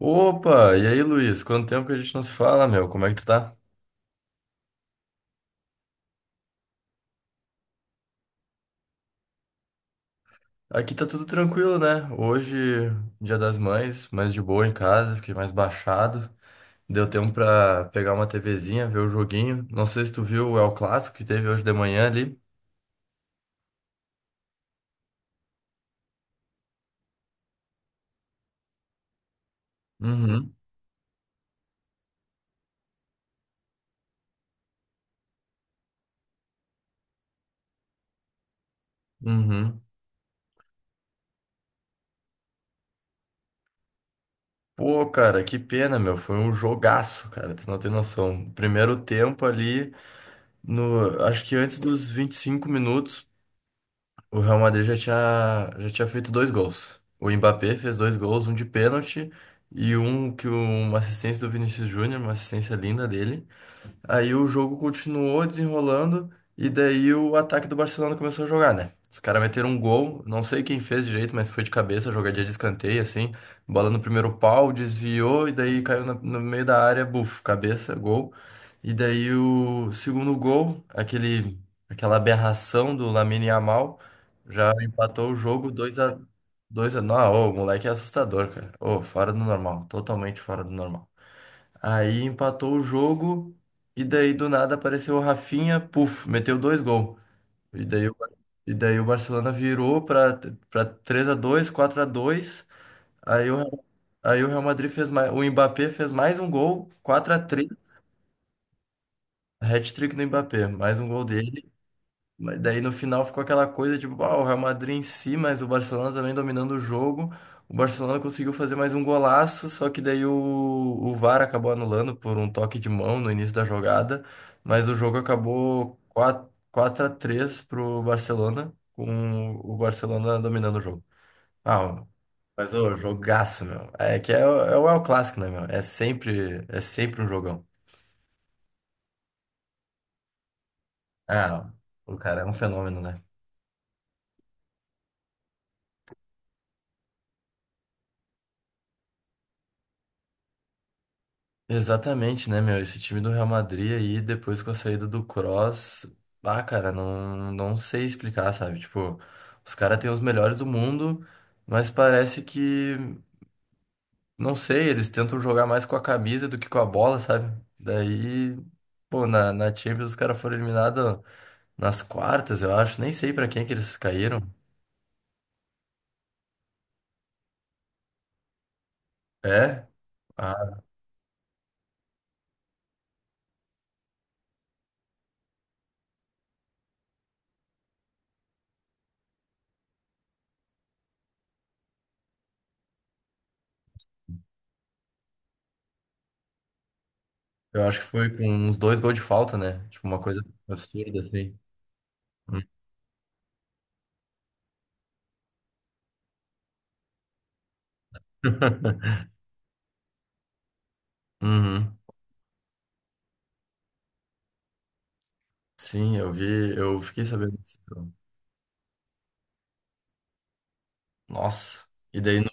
Opa, e aí, Luiz? Quanto tempo que a gente não se fala, meu? Como é que tu tá? Aqui tá tudo tranquilo, né? Hoje, Dia das Mães, mais de boa em casa, fiquei mais baixado. Deu tempo pra pegar uma TVzinha, ver o joguinho. Não sei se tu viu o El Clássico que teve hoje de manhã ali. Uhum, uhum. Pô, cara, que pena, meu. Foi um jogaço, cara. Tu não tem noção. Primeiro tempo ali, no, acho que antes dos 25 minutos. O Real Madrid já tinha feito dois gols. O Mbappé fez dois gols, um de pênalti e uma assistência do Vinícius Júnior, uma assistência linda dele. Aí o jogo continuou desenrolando e daí o ataque do Barcelona começou a jogar, né? Os caras meteram um gol, não sei quem fez direito, mas foi de cabeça, jogadinha de escanteio, assim. Bola no primeiro pau, desviou e daí caiu no meio da área, buf, cabeça, gol. E daí o segundo gol, aquela aberração do Lamine Yamal, já empatou o jogo 2-2. Não, ô, o moleque é assustador, cara. Ô, fora do normal, totalmente fora do normal. Aí empatou o jogo e daí do nada apareceu o Rafinha, puf, meteu dois gols. E daí o, e daí o Barcelona virou para 3-2, 4-2. Aí o Real- Aí o Real Madrid fez mais, o Mbappé fez mais um gol, 4-3. Hat-trick do Mbappé, mais um gol dele. Mas daí no final ficou aquela coisa tipo, o Real Madrid em si, mas o Barcelona também dominando o jogo. O Barcelona conseguiu fazer mais um golaço, só que daí o VAR acabou anulando por um toque de mão no início da jogada. Mas o jogo acabou 4 4-3 pro Barcelona, com o Barcelona dominando o jogo. Ah, mas o jogaço, meu. É que é, é o El Clássico, né, meu? É sempre um jogão. Ah, o cara é um fenômeno, né? Exatamente, né, meu? Esse time do Real Madrid aí, depois com a saída do Kroos, ah, cara, não, não sei explicar, sabe? Tipo, os caras têm os melhores do mundo, mas parece que, não sei, eles tentam jogar mais com a camisa do que com a bola, sabe? Daí, pô, na Champions os caras foram eliminados nas quartas, eu acho, nem sei pra quem que eles caíram. É? Ah, eu acho que foi com uns dois gols de falta, né? Tipo, uma coisa absurda, assim. Uhum. Sim, eu vi, eu fiquei sabendo disso então. Nossa. E daí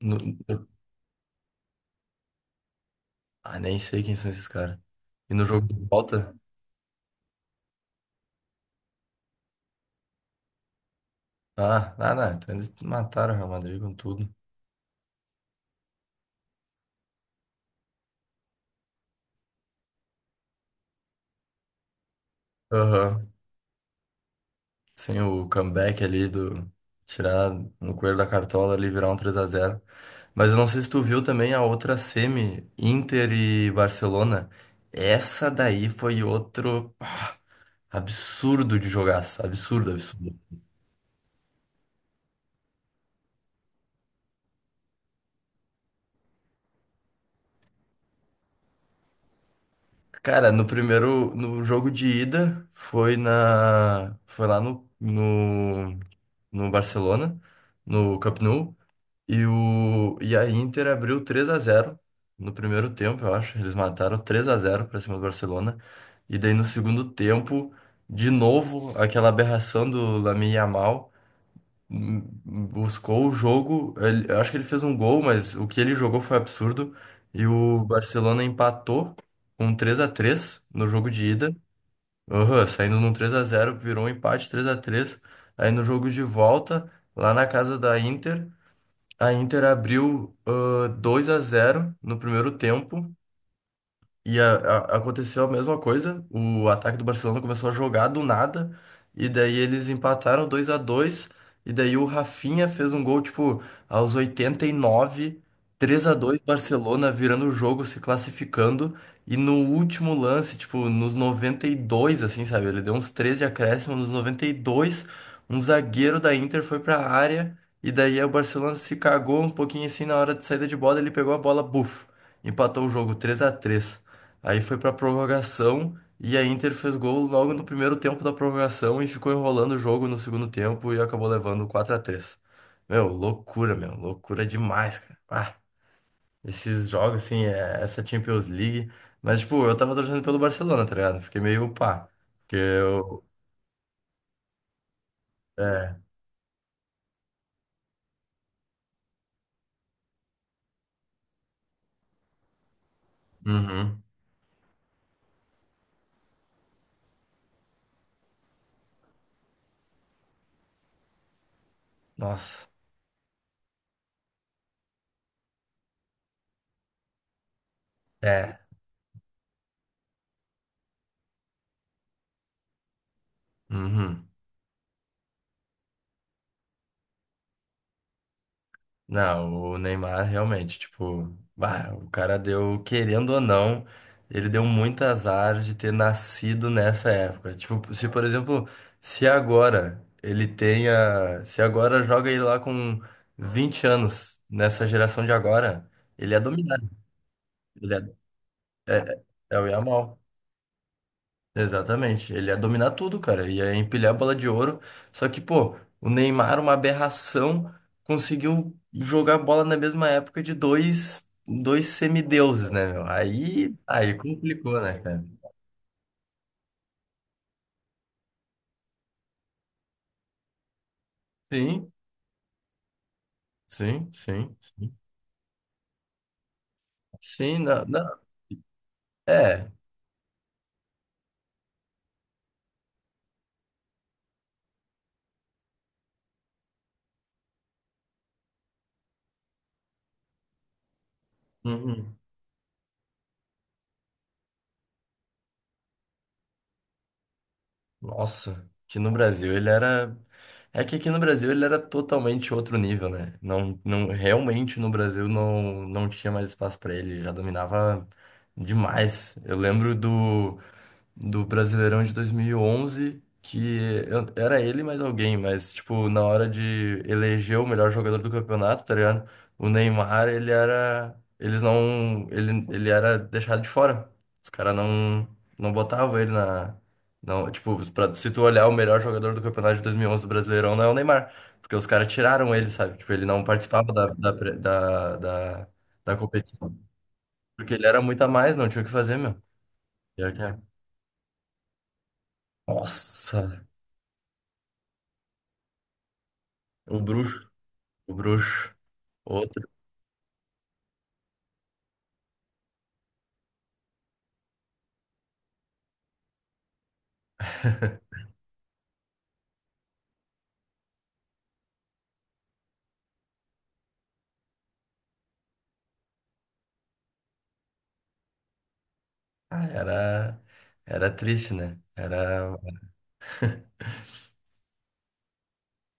no- no- nem sei quem são esses caras. E no jogo de volta? Ah, ah, não. Então eles mataram o Real Madrid com tudo. Aham. Sim, o comeback ali do. Tirar um coelho da cartola ali e virar um 3-0. Mas eu não sei se tu viu também a outra semi, Inter e Barcelona. Essa daí foi outro absurdo de jogaço. Absurdo, absurdo. Cara, no jogo de ida foi foi lá no Barcelona, no Camp Nou, e a Inter abriu 3-0 no primeiro tempo, eu acho, eles mataram 3-0 para cima do Barcelona. E daí no segundo tempo, de novo, aquela aberração do Lamine Yamal buscou o jogo. Eu acho que ele fez um gol, mas o que ele jogou foi absurdo. E o Barcelona empatou com 3-3 no jogo de ida. Aham, saindo num 3-0 virou um empate 3-3. Aí no jogo de volta, lá na casa da Inter, a Inter abriu 2-0 no primeiro tempo. E aconteceu a mesma coisa. O ataque do Barcelona começou a jogar do nada. E daí eles empataram 2-2. E daí o Rafinha fez um gol, tipo, aos 89, 3-2, Barcelona virando o jogo, se classificando. E no último lance, tipo, nos 92 assim, sabe? Ele deu uns 3 de acréscimo. Nos 92, um zagueiro da Inter foi pra área. E daí o Barcelona se cagou um pouquinho assim na hora de saída de bola. Ele pegou a bola, buf, empatou o jogo 3-3. Aí foi pra prorrogação e a Inter fez gol logo no primeiro tempo da prorrogação e ficou enrolando o jogo no segundo tempo e acabou levando 4-3. Meu, loucura demais, cara. Ah, esses jogos, assim, essa Champions League. Mas, tipo, eu tava torcendo pelo Barcelona, tá ligado? Fiquei meio pá. Porque eu. É. Uhum. Nossa. É. Uhum. Não, o Neymar realmente, tipo, bah, o cara deu, querendo ou não, ele deu muito azar de ter nascido nessa época. Tipo, se por exemplo, se agora joga ele lá com 20 anos, nessa geração de agora, ele é dominado, ele é, é, é o Yamal. Exatamente, ele ia dominar tudo, cara, ia empilhar a bola de ouro. Só que, pô, o Neymar, uma aberração, conseguiu jogar bola na mesma época de dois semideuses, né, meu? Aí complicou, né, cara? Sim, sim, sim, sim. Sim, não, não. É. Uhum. Nossa, que no Brasil ele era. É que aqui no Brasil ele era totalmente outro nível, né? Não, não, realmente no Brasil não, não tinha mais espaço pra ele, ele já dominava demais. Eu lembro do Brasileirão de 2011, que era ele mais alguém, mas, tipo, na hora de eleger o melhor jogador do campeonato, tá ligado? O Neymar, ele era. Eles não. Ele era deixado de fora. Os caras não, não botavam ele na. Não, tipo, se tu olhar o melhor jogador do campeonato de 2011 do Brasileirão, não é o Neymar. Porque os caras tiraram ele, sabe? Tipo, ele não participava da, da, pre- da, da, da competição. Porque ele era muito a mais, não tinha o que fazer, meu. Pior que é. Nossa, o bruxo, o bruxo, outro. Ah, era triste, né? Era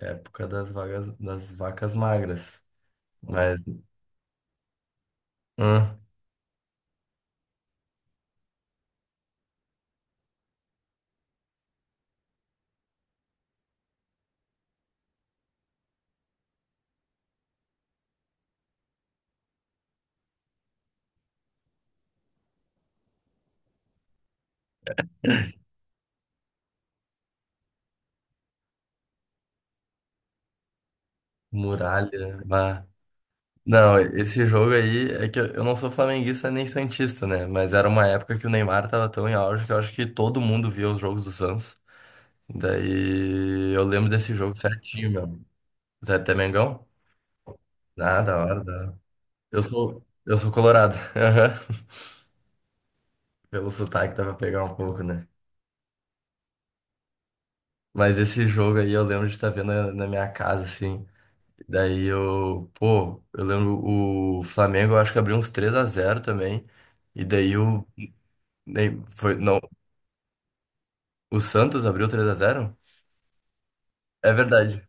época das vagas, das vacas magras. Mas, hum, muralha. Bah. Não, esse jogo aí é que eu não sou flamenguista nem santista, né? Mas era uma época que o Neymar tava tão em auge que eu acho que todo mundo via os jogos do Santos. Daí eu lembro desse jogo certinho, meu. Zé até Mengão? Ah, da hora, da hora. Eu sou colorado. Pelo sotaque dá pra pegar um pouco, né? Mas esse jogo aí eu lembro de estar vendo na minha casa, assim. Daí eu, pô, eu lembro o Flamengo, eu acho que abriu uns 3-0 também. E daí o. nem- Foi, não, o Santos abriu 3-0. É verdade,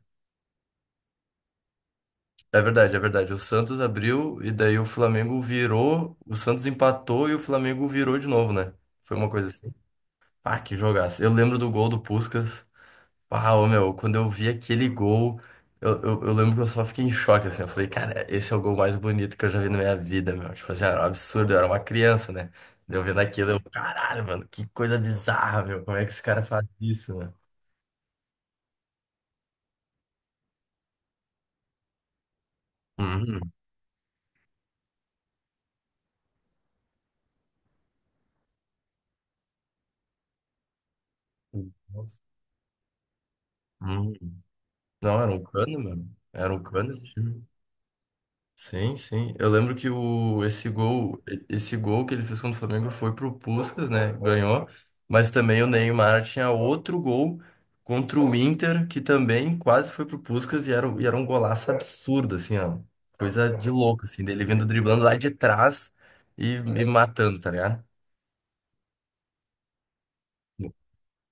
é verdade, é verdade. O Santos abriu e daí o Flamengo virou, o Santos empatou e o Flamengo virou de novo, né? Foi uma coisa assim. Ah, que jogaço. Eu lembro do gol do Puskás. Ah, ô, meu, quando eu vi aquele gol, eu lembro que eu só fiquei em choque, assim. Eu falei, cara, esse é o gol mais bonito que eu já vi na minha vida, meu. Tipo assim, era um absurdo, eu era uma criança, né? Eu vendo aquilo, eu, caralho, mano, que coisa bizarra, meu. Como é que esse cara faz isso, né? Uhum. Nossa. Uhum. Não, era um cano, mano. Era um cano esse time. Sim, sim. Eu lembro esse gol que ele fez contra o Flamengo foi pro Puskás, né? Ganhou. Mas também o Neymar tinha outro gol contra o Inter, que também quase foi pro Puskás e era, e era um golaço absurdo, assim, ó. Coisa de louco, assim, dele vindo driblando lá de trás e matando, tá ligado?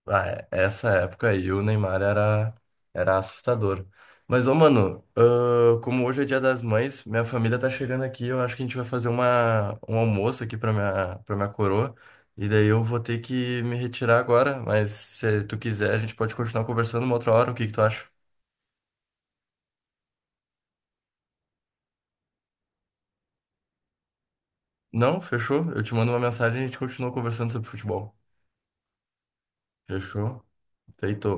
Ah, essa época aí o Neymar era, era assustador. Mas, ô, mano, ah, como hoje é Dia das Mães, minha família tá chegando aqui, eu acho que a gente vai fazer um almoço aqui pra minha coroa. E daí eu vou ter que me retirar agora, mas se tu quiser, a gente pode continuar conversando uma outra hora, o que que tu acha? Não? Fechou? Eu te mando uma mensagem e a gente continua conversando sobre futebol. Fechou? Feito.